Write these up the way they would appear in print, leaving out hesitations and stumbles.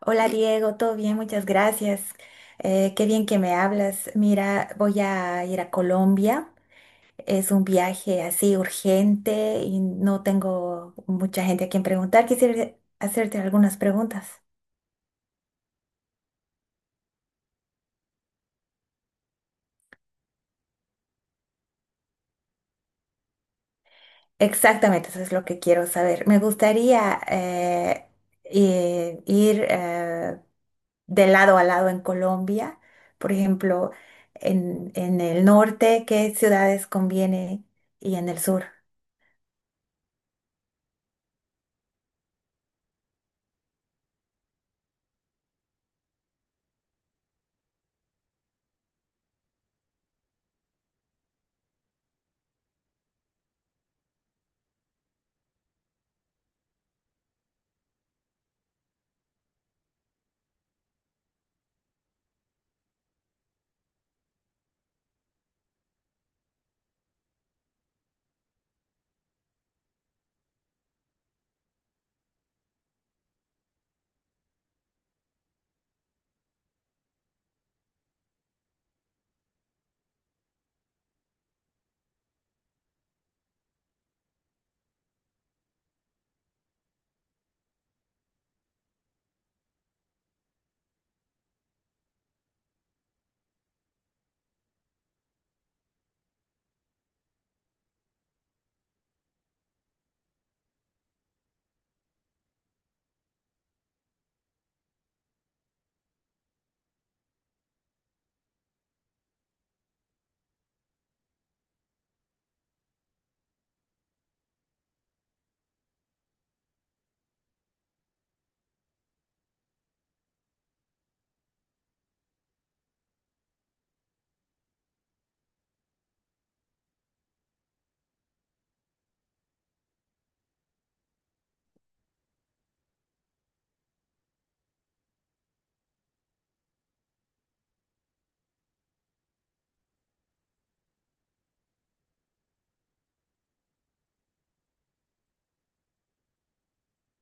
Hola Diego, todo bien, muchas gracias. Qué bien que me hablas. Mira, voy a ir a Colombia. Es un viaje así urgente y no tengo mucha gente a quien preguntar. Quisiera hacerte algunas preguntas. Exactamente, eso es lo que quiero saber. Me gustaría ir de lado a lado en Colombia. Por ejemplo, en el norte, ¿qué ciudades conviene? Y en el sur.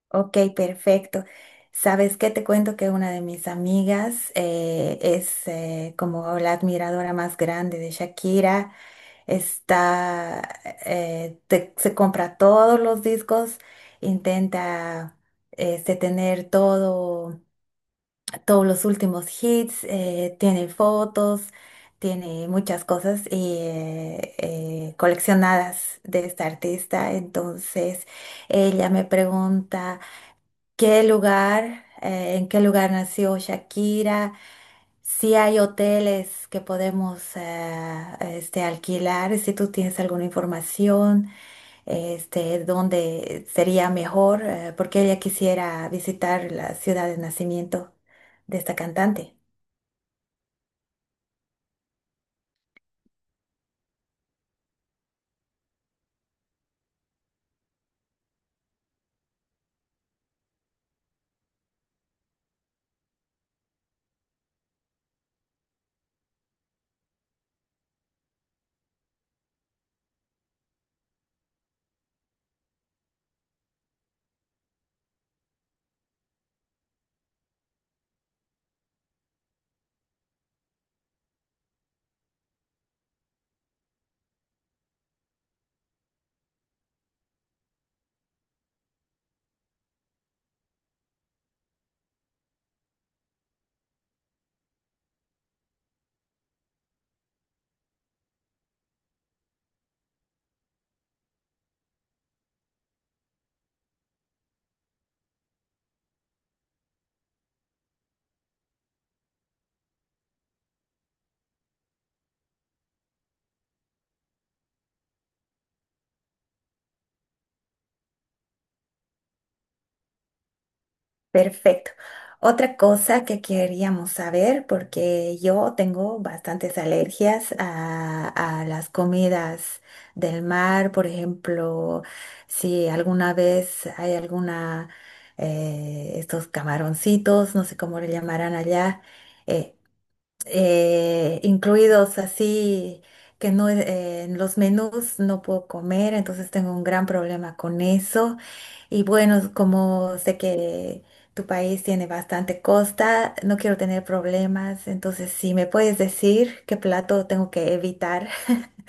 Ok, perfecto. Sabes qué te cuento que una de mis amigas es como la admiradora más grande de Shakira. Está, se compra todos los discos, intenta tener todo, todos los últimos hits, tiene fotos, tiene muchas cosas y coleccionadas de esta artista. Entonces, ella me pregunta. ¿En qué lugar nació Shakira? Si hay hoteles que podemos alquilar, si tú tienes alguna información, dónde sería mejor, porque ella quisiera visitar la ciudad de nacimiento de esta cantante. Perfecto. Otra cosa que queríamos saber, porque yo tengo bastantes alergias a las comidas del mar, por ejemplo, si alguna vez hay alguna, estos camaroncitos, no sé cómo le llamarán allá, eh, incluidos así, que no, en los menús no puedo comer, entonces tengo un gran problema con eso. Y bueno, como sé que tu país tiene bastante costa, no quiero tener problemas, entonces si me puedes decir qué plato tengo que evitar.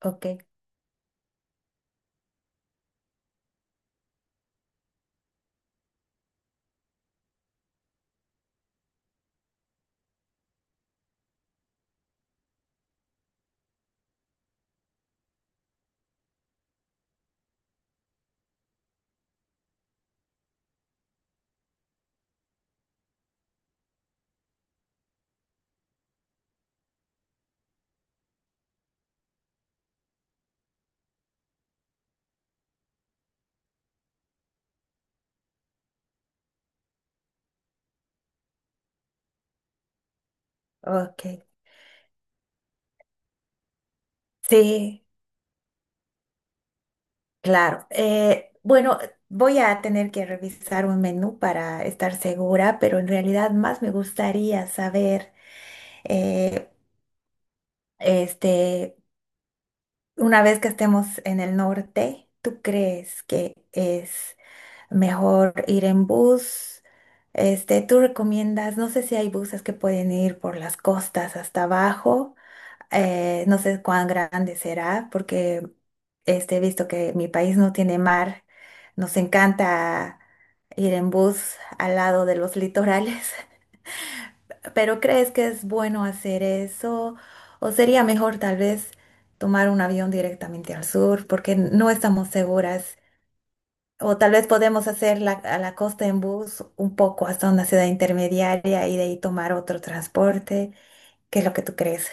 Ok, ok. Sí, claro. Bueno, voy a tener que revisar un menú para estar segura, pero en realidad más me gustaría saber, eh, este, una vez que estemos en el norte, ¿tú crees que es mejor ir en bus? Este, tú recomiendas, no sé si hay buses que pueden ir por las costas hasta abajo. No sé cuán grande será, porque he visto que mi país no tiene mar. Nos encanta ir en bus al lado de los litorales. Pero ¿crees que es bueno hacer eso? ¿O sería mejor tal vez tomar un avión directamente al sur? Porque no estamos seguras, o tal vez podemos hacer a la costa en bus un poco hasta una ciudad intermediaria y de ahí tomar otro transporte. ¿Qué es lo que tú crees?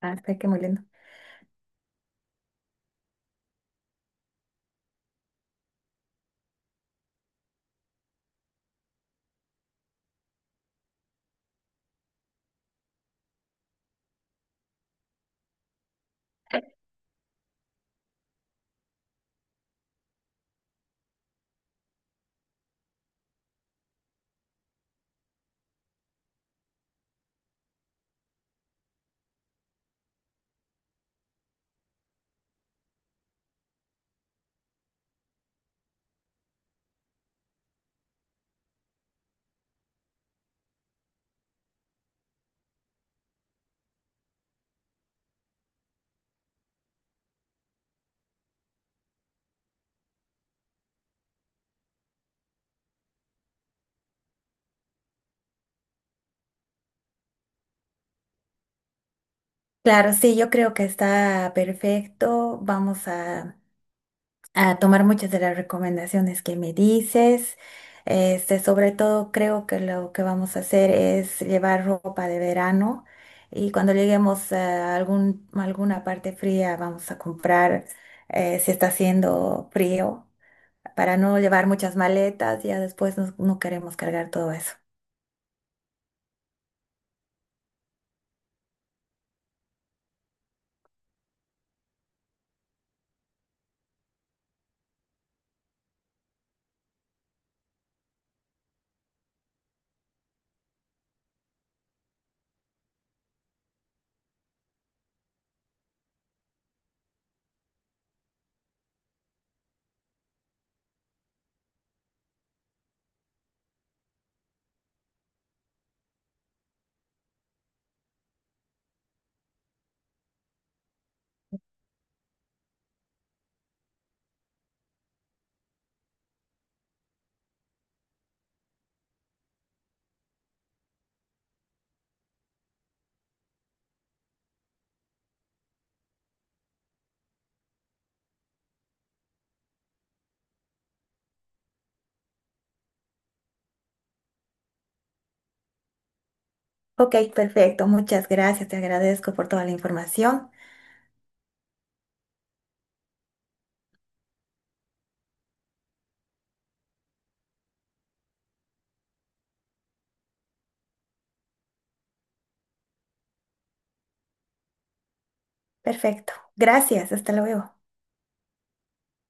Ah, está que muy lindo. Claro, sí, yo creo que está perfecto. A tomar muchas de las recomendaciones que me dices. Este, sobre todo creo que lo que vamos a hacer es llevar ropa de verano y cuando lleguemos a alguna parte fría vamos a comprar si está haciendo frío, para no llevar muchas maletas, ya después no queremos cargar todo eso. Ok, perfecto, muchas gracias, te agradezco por toda la información. Perfecto, gracias, hasta luego.